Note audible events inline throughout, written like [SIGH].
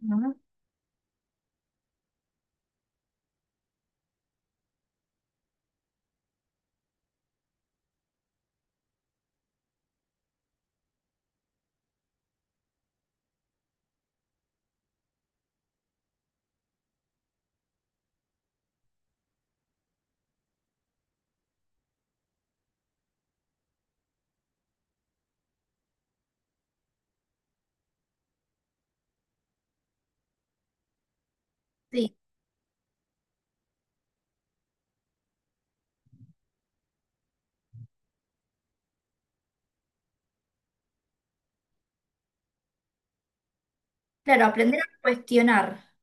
¿No? Sí, claro, aprender a cuestionar.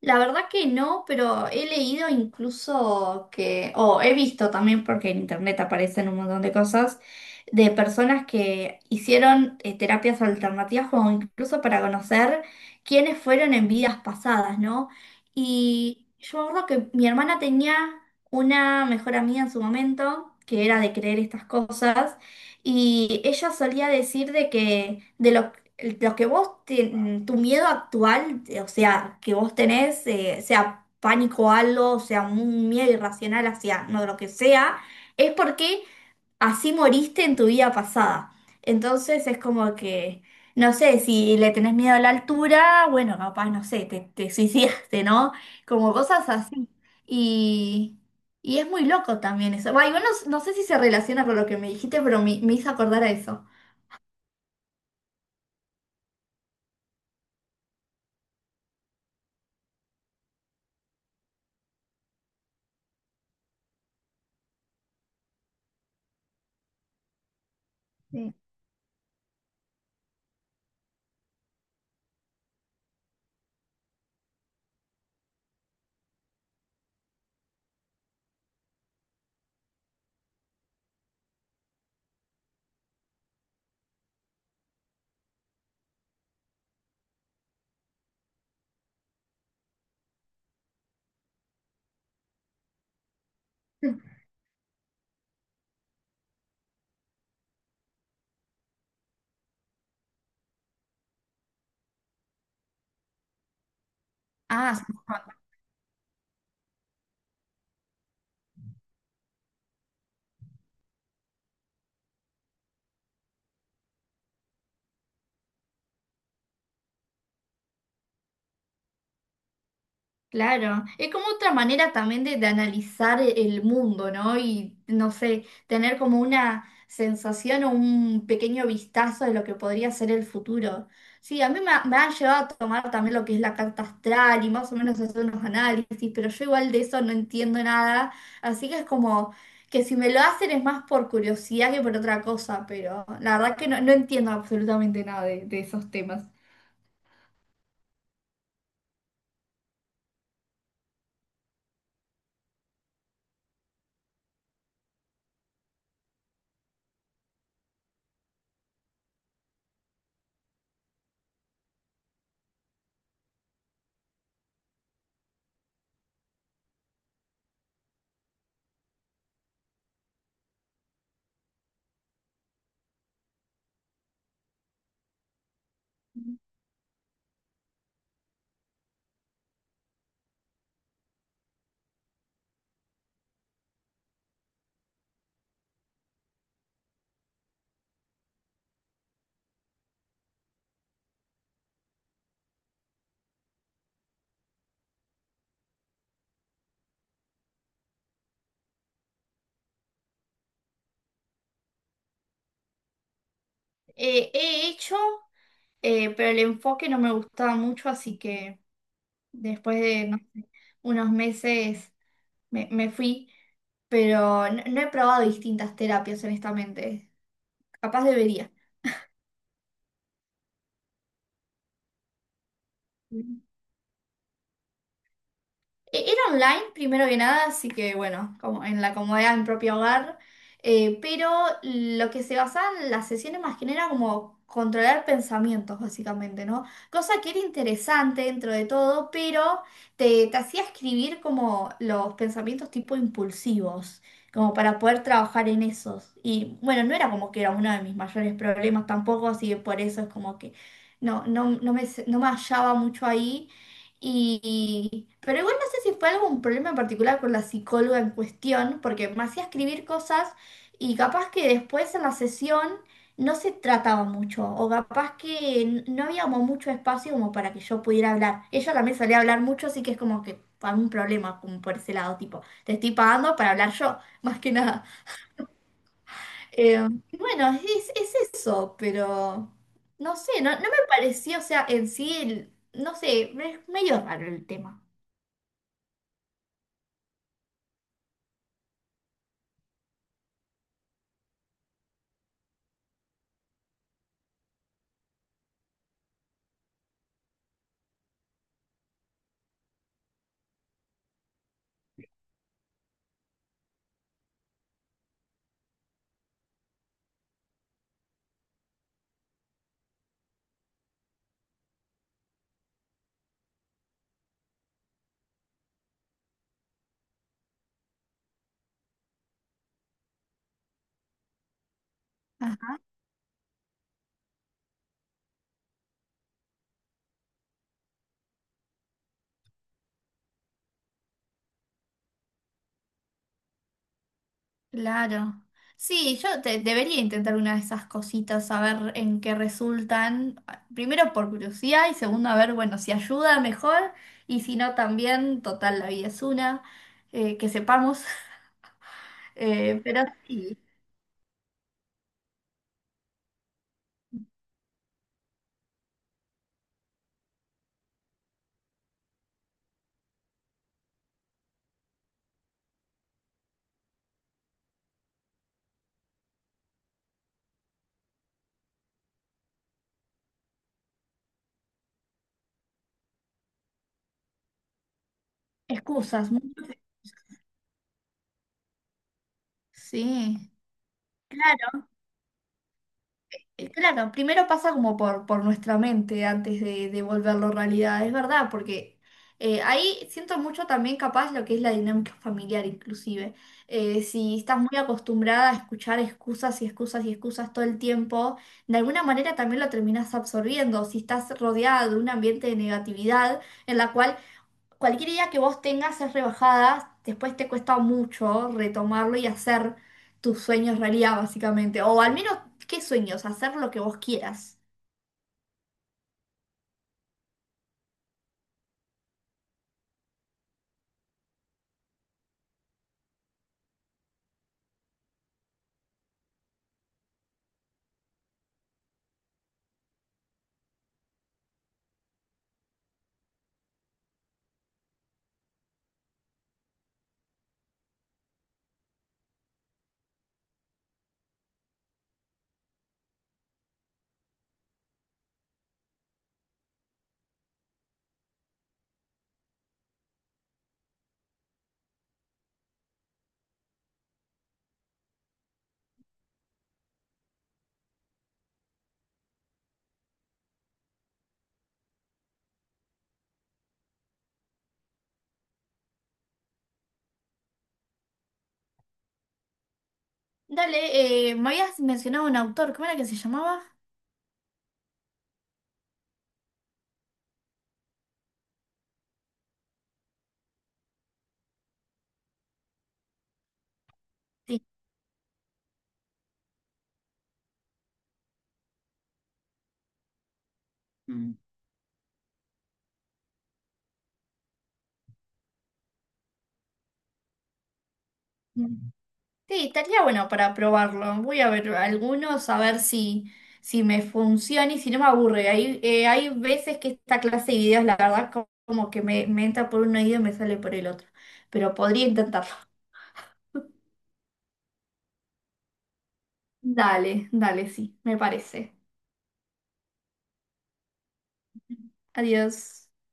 La verdad que no, pero he leído incluso que, o he visto también, porque en internet aparecen un montón de cosas, de personas que hicieron terapias alternativas o incluso para conocer quiénes fueron en vidas pasadas, ¿no? Y yo me acuerdo que mi hermana tenía una mejor amiga en su momento, que era de creer estas cosas, y ella solía decir de que lo que vos, tu miedo actual, o sea, que vos tenés, sea pánico a algo, sea un miedo irracional hacia no, lo que sea, es porque así moriste en tu vida pasada. Entonces es como que, no sé, si le tenés miedo a la altura, bueno, capaz, no sé, te suicidaste, ¿no? Como cosas así. Y, y es muy loco también eso. Va, igual no sé si se relaciona con lo que me dijiste, pero me hizo acordar a eso. [LAUGHS] Ah, claro, es como otra manera también de analizar el mundo, ¿no? Y, no sé, tener como una sensación o un pequeño vistazo de lo que podría ser el futuro. Sí, a me han llevado a tomar también lo que es la carta astral y más o menos hacer unos análisis, pero yo igual de eso no entiendo nada, así que es como que si me lo hacen es más por curiosidad que por otra cosa, pero la verdad que no, no entiendo absolutamente nada de esos temas. He hecho. Pero el enfoque no me gustaba mucho, así que después de no sé, unos meses me fui, pero no, no he probado distintas terapias, honestamente. Capaz debería. Era online, primero que nada, así que bueno, como en la comodidad de mi propio hogar. Pero lo que se basaban las sesiones más que nada era como controlar pensamientos, básicamente, ¿no? Cosa que era interesante dentro de todo, pero te hacía escribir como los pensamientos tipo impulsivos, como para poder trabajar en esos. Y bueno, no era como que era uno de mis mayores problemas tampoco, así que por eso es como que no no me hallaba mucho ahí. Y, pero igual no sé si fue algún problema en particular con la psicóloga en cuestión, porque me hacía escribir cosas y capaz que después en la sesión no se trataba mucho, o capaz que no había como mucho espacio como para que yo pudiera hablar. Ella también solía hablar mucho, así que es como que algún problema como por ese lado, tipo, te estoy pagando para hablar yo, [LAUGHS] más que nada. Y bueno, es eso, pero no sé, no me pareció, o sea, en sí, no sé, es medio raro el tema. Claro. Sí, debería intentar una de esas cositas, a ver en qué resultan. Ah, primero por curiosidad y segundo a ver, bueno, si ayuda mejor y si no también, total, la vida es una, que sepamos. [LAUGHS] Pero sí, excusas. Muchas... Sí. Claro, primero pasa como por nuestra mente antes de volverlo realidad, es verdad, porque ahí siento mucho también capaz lo que es la dinámica familiar inclusive. Si estás muy acostumbrada a escuchar excusas y excusas y excusas todo el tiempo, de alguna manera también lo terminas absorbiendo. Si estás rodeada de un ambiente de negatividad en la cual cualquier idea que vos tengas es rebajada, después te cuesta mucho retomarlo y hacer tus sueños realidad, básicamente. O al menos, ¿qué sueños? Hacer lo que vos quieras. Dale, me habías mencionado un autor, ¿cómo era que se llamaba? Sí. Mm. Sí, estaría bueno para probarlo. Voy a ver algunos a ver si, si me funciona y si no me aburre. Hay, hay veces que esta clase de videos, la verdad, como que me entra por un oído y me sale por el otro. Pero podría intentarlo. Dale, dale, sí, me parece. Adiós.